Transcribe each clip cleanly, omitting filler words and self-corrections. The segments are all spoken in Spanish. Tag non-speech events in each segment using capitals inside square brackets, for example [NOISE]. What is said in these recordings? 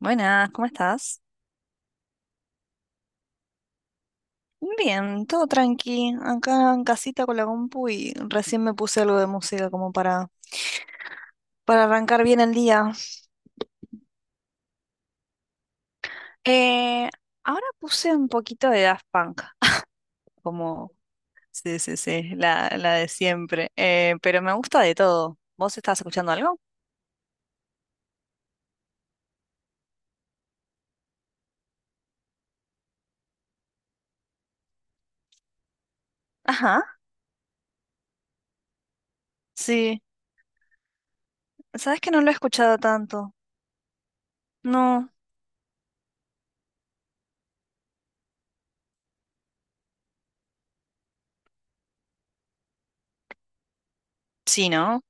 Buenas, ¿cómo estás? Bien, todo tranqui, acá en casita con la compu y recién me puse algo de música para arrancar bien el día. Eh, Ahora puse un poquito de Daft Punk, como, sí, sí, sí, la de siempre. Pero me gusta de todo. ¿Vos estás escuchando algo? Ajá, sí, sabes que no lo he escuchado tanto. No, sí, ¿no?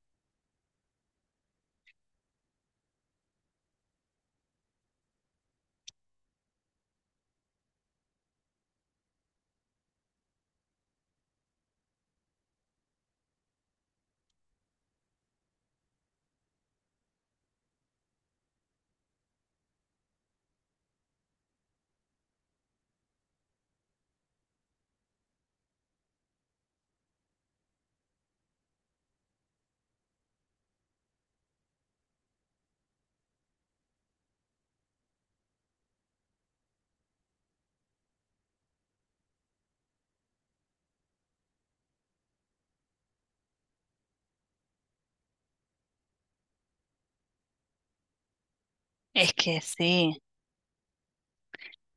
Es que sí.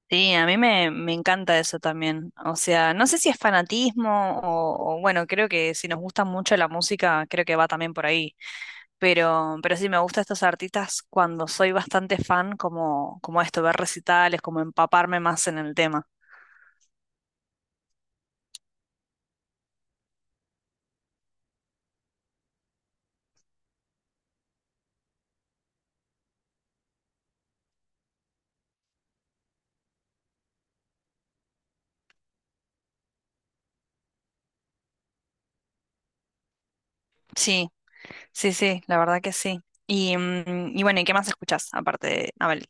Sí, a mí me encanta eso también. O sea, no sé si es fanatismo bueno, creo que si nos gusta mucho la música, creo que va también por ahí. Pero sí, me gusta estos artistas cuando soy bastante fan, como, como esto, ver recitales, como empaparme más en el tema. Sí, sí, sí, la verdad que sí. Y, y bueno, ¿y qué más escuchás aparte de Abel?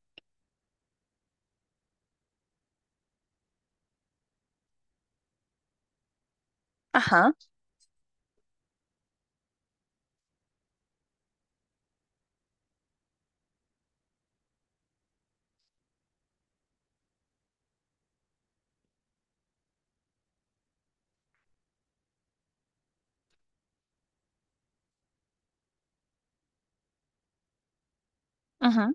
Ajá, ajá.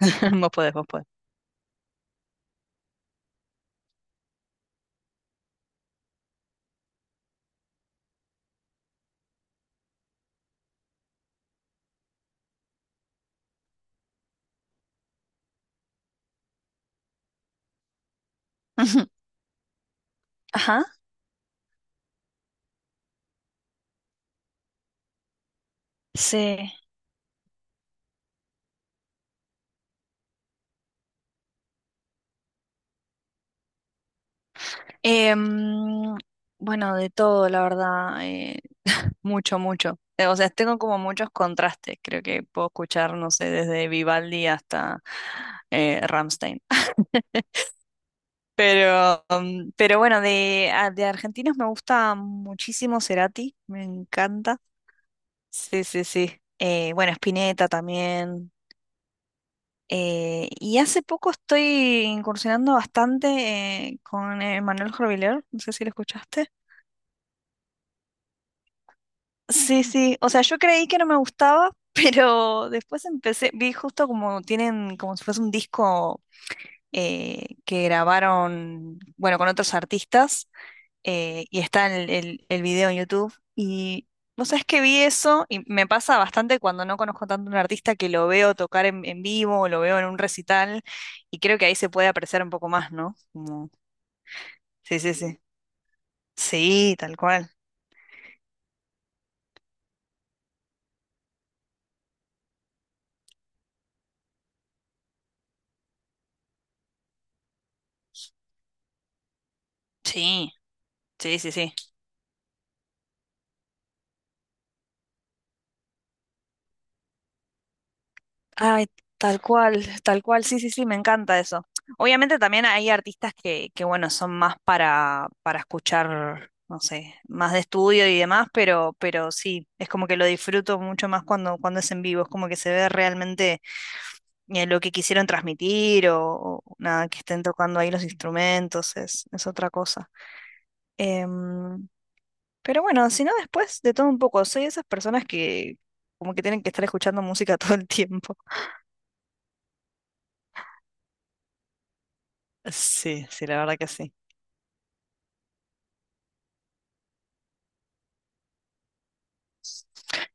[LAUGHS] Vos podés, vos podés. Ujú. Ajá, sí. Em, bueno, de todo, la verdad. Mucho, mucho. O sea, tengo como muchos contrastes. Creo que puedo escuchar, no sé, desde Vivaldi hasta Rammstein. [LAUGHS] Pero, um, pero bueno, de argentinos me gusta muchísimo Cerati, me encanta. Sí, sí, sí. Bueno, Spinetta también. Y hace poco estoy incursionando bastante con Manuel Jorviler, no sé si lo escuchaste. Sí, sí, o sea, yo creí que no me gustaba, [LAUGHS] pero después empecé, vi justo como tienen, como si fuese un disco que grabaron, bueno, con otros artistas, y está el video en YouTube, y vos sabés que vi eso, y me pasa bastante cuando no conozco tanto a un artista que lo veo tocar en vivo, o lo veo en un recital, y creo que ahí se puede apreciar un poco más, ¿no? Como sí, sí, sí. Sí, tal cual. Sí, sí, sí, sí. Ay, tal cual, sí, sí, sí, me encanta eso. Obviamente también hay artistas que bueno, son más para escuchar, no sé, más de estudio y demás, pero sí, es como que lo disfruto mucho más cuando es en vivo, es como que se ve realmente lo que quisieron transmitir o nada, que estén tocando ahí los instrumentos, es otra cosa. Em, pero bueno, si no, después de todo un poco, soy de esas personas que como que tienen que estar escuchando música [LAUGHS] todo el tiempo. Sí, sí, la verdad que sí.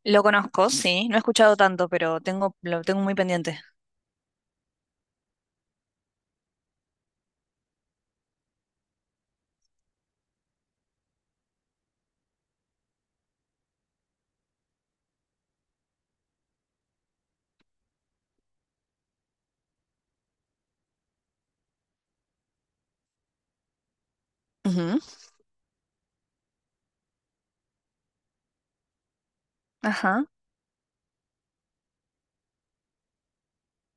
Lo conozco, sí. No he escuchado tanto, pero tengo, lo tengo muy pendiente. Ujú. Ajá.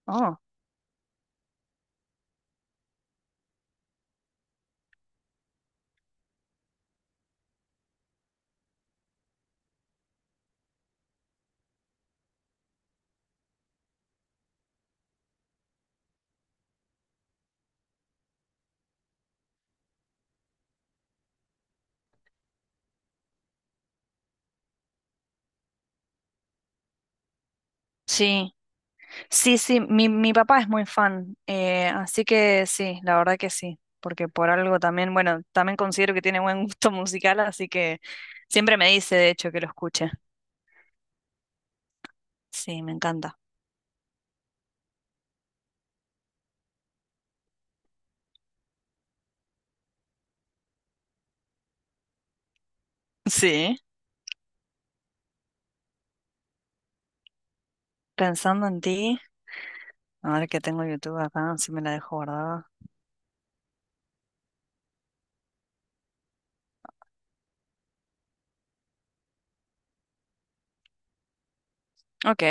Oh. Sí. Sí, sí. Mi papá es muy fan. Así que sí, la verdad que sí. Porque por algo también, bueno, también considero que tiene buen [LAUGHS] gusto musical, así que siempre me dice, de hecho, que lo escuche. Sí, me encanta. Sí. Pensando en ti, a ver que tengo YouTube acá, si me la dejo guardada. Ok,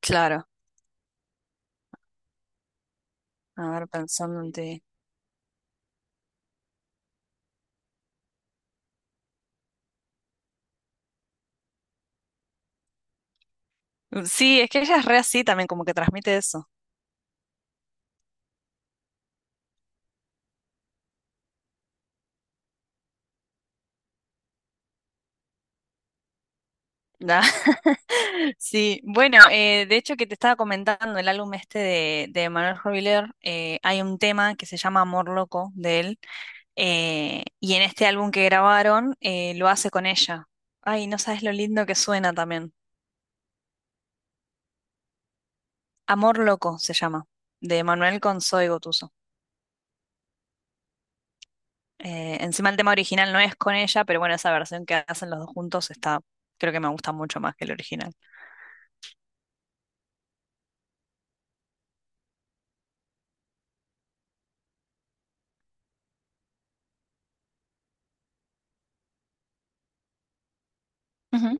claro. A ver, pensando en ti. Sí, es que ella es re así también, como que transmite eso. Da. [LAUGHS] Sí, bueno, de hecho que te estaba comentando el álbum este de Manuel Robiler, hay un tema que se llama Amor Loco de él, y en este álbum que grabaron lo hace con ella. Ay, no sabes lo lindo que suena también. Amor Loco se llama, de Manuel con Zoe Gotuso. Encima el tema original no es con ella, pero bueno, esa versión que hacen los dos juntos está, creo que me gusta mucho más que el original. Ujú.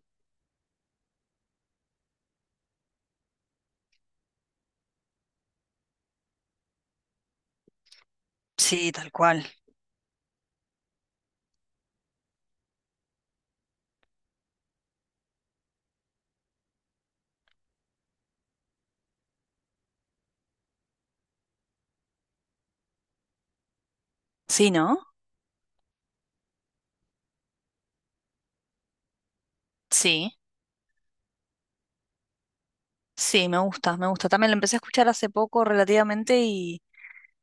Sí, tal cual. Sí, ¿no? Sí, sí, me gusta, me gusta. También lo empecé a escuchar hace poco relativamente y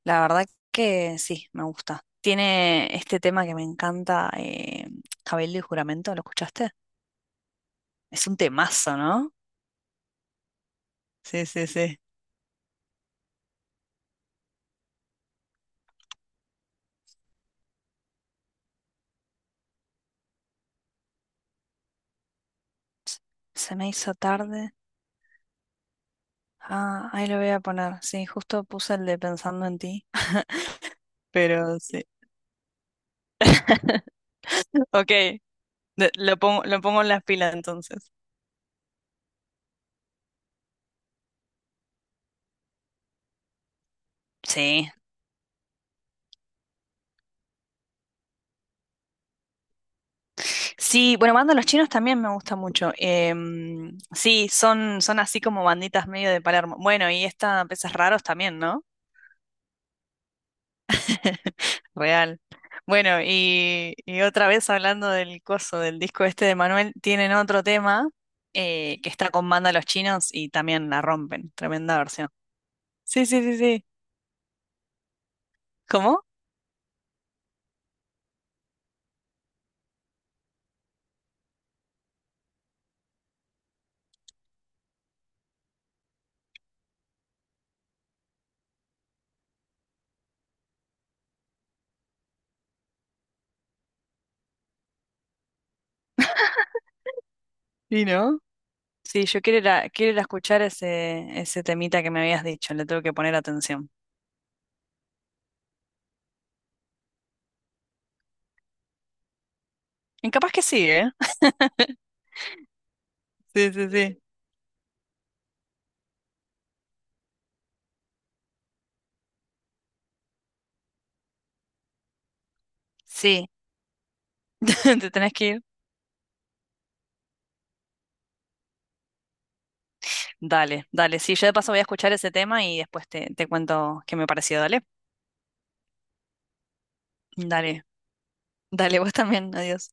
la verdad que sí, me gusta. Tiene este tema que me encanta, Cabildo y Juramento, ¿lo escuchaste? Es un temazo, ¿no? Sí, sí, sí. Se me hizo tarde. Ah, ahí lo voy a poner. Sí, justo puse el de Pensando en ti. Pero sí. [LAUGHS] Ok, lo pongo en las pilas entonces. Sí. Sí, bueno, banda Los Chinos también me gusta mucho. Sí, son, son así como banditas medio de Palermo. Bueno, y esta Peces Raros también, ¿no? [LAUGHS] Real. Bueno, y otra vez hablando del coso, del disco este de Manuel, tienen otro tema que está con banda Los Chinos y también la rompen. Tremenda versión. Sí, sí, sí, sí. ¿Cómo? ¿Y ¿no? Sí, yo quiero ir a escuchar ese temita que me habías dicho, le tengo que poner atención. Y capaz que sí, ¿eh? Sí, sí, sí. Sí, [LAUGHS] te tenés que ir. Dale, dale. Sí, yo de paso voy a escuchar ese tema y después te cuento qué me pareció. Dale. Dale, dale, vos también. Adiós.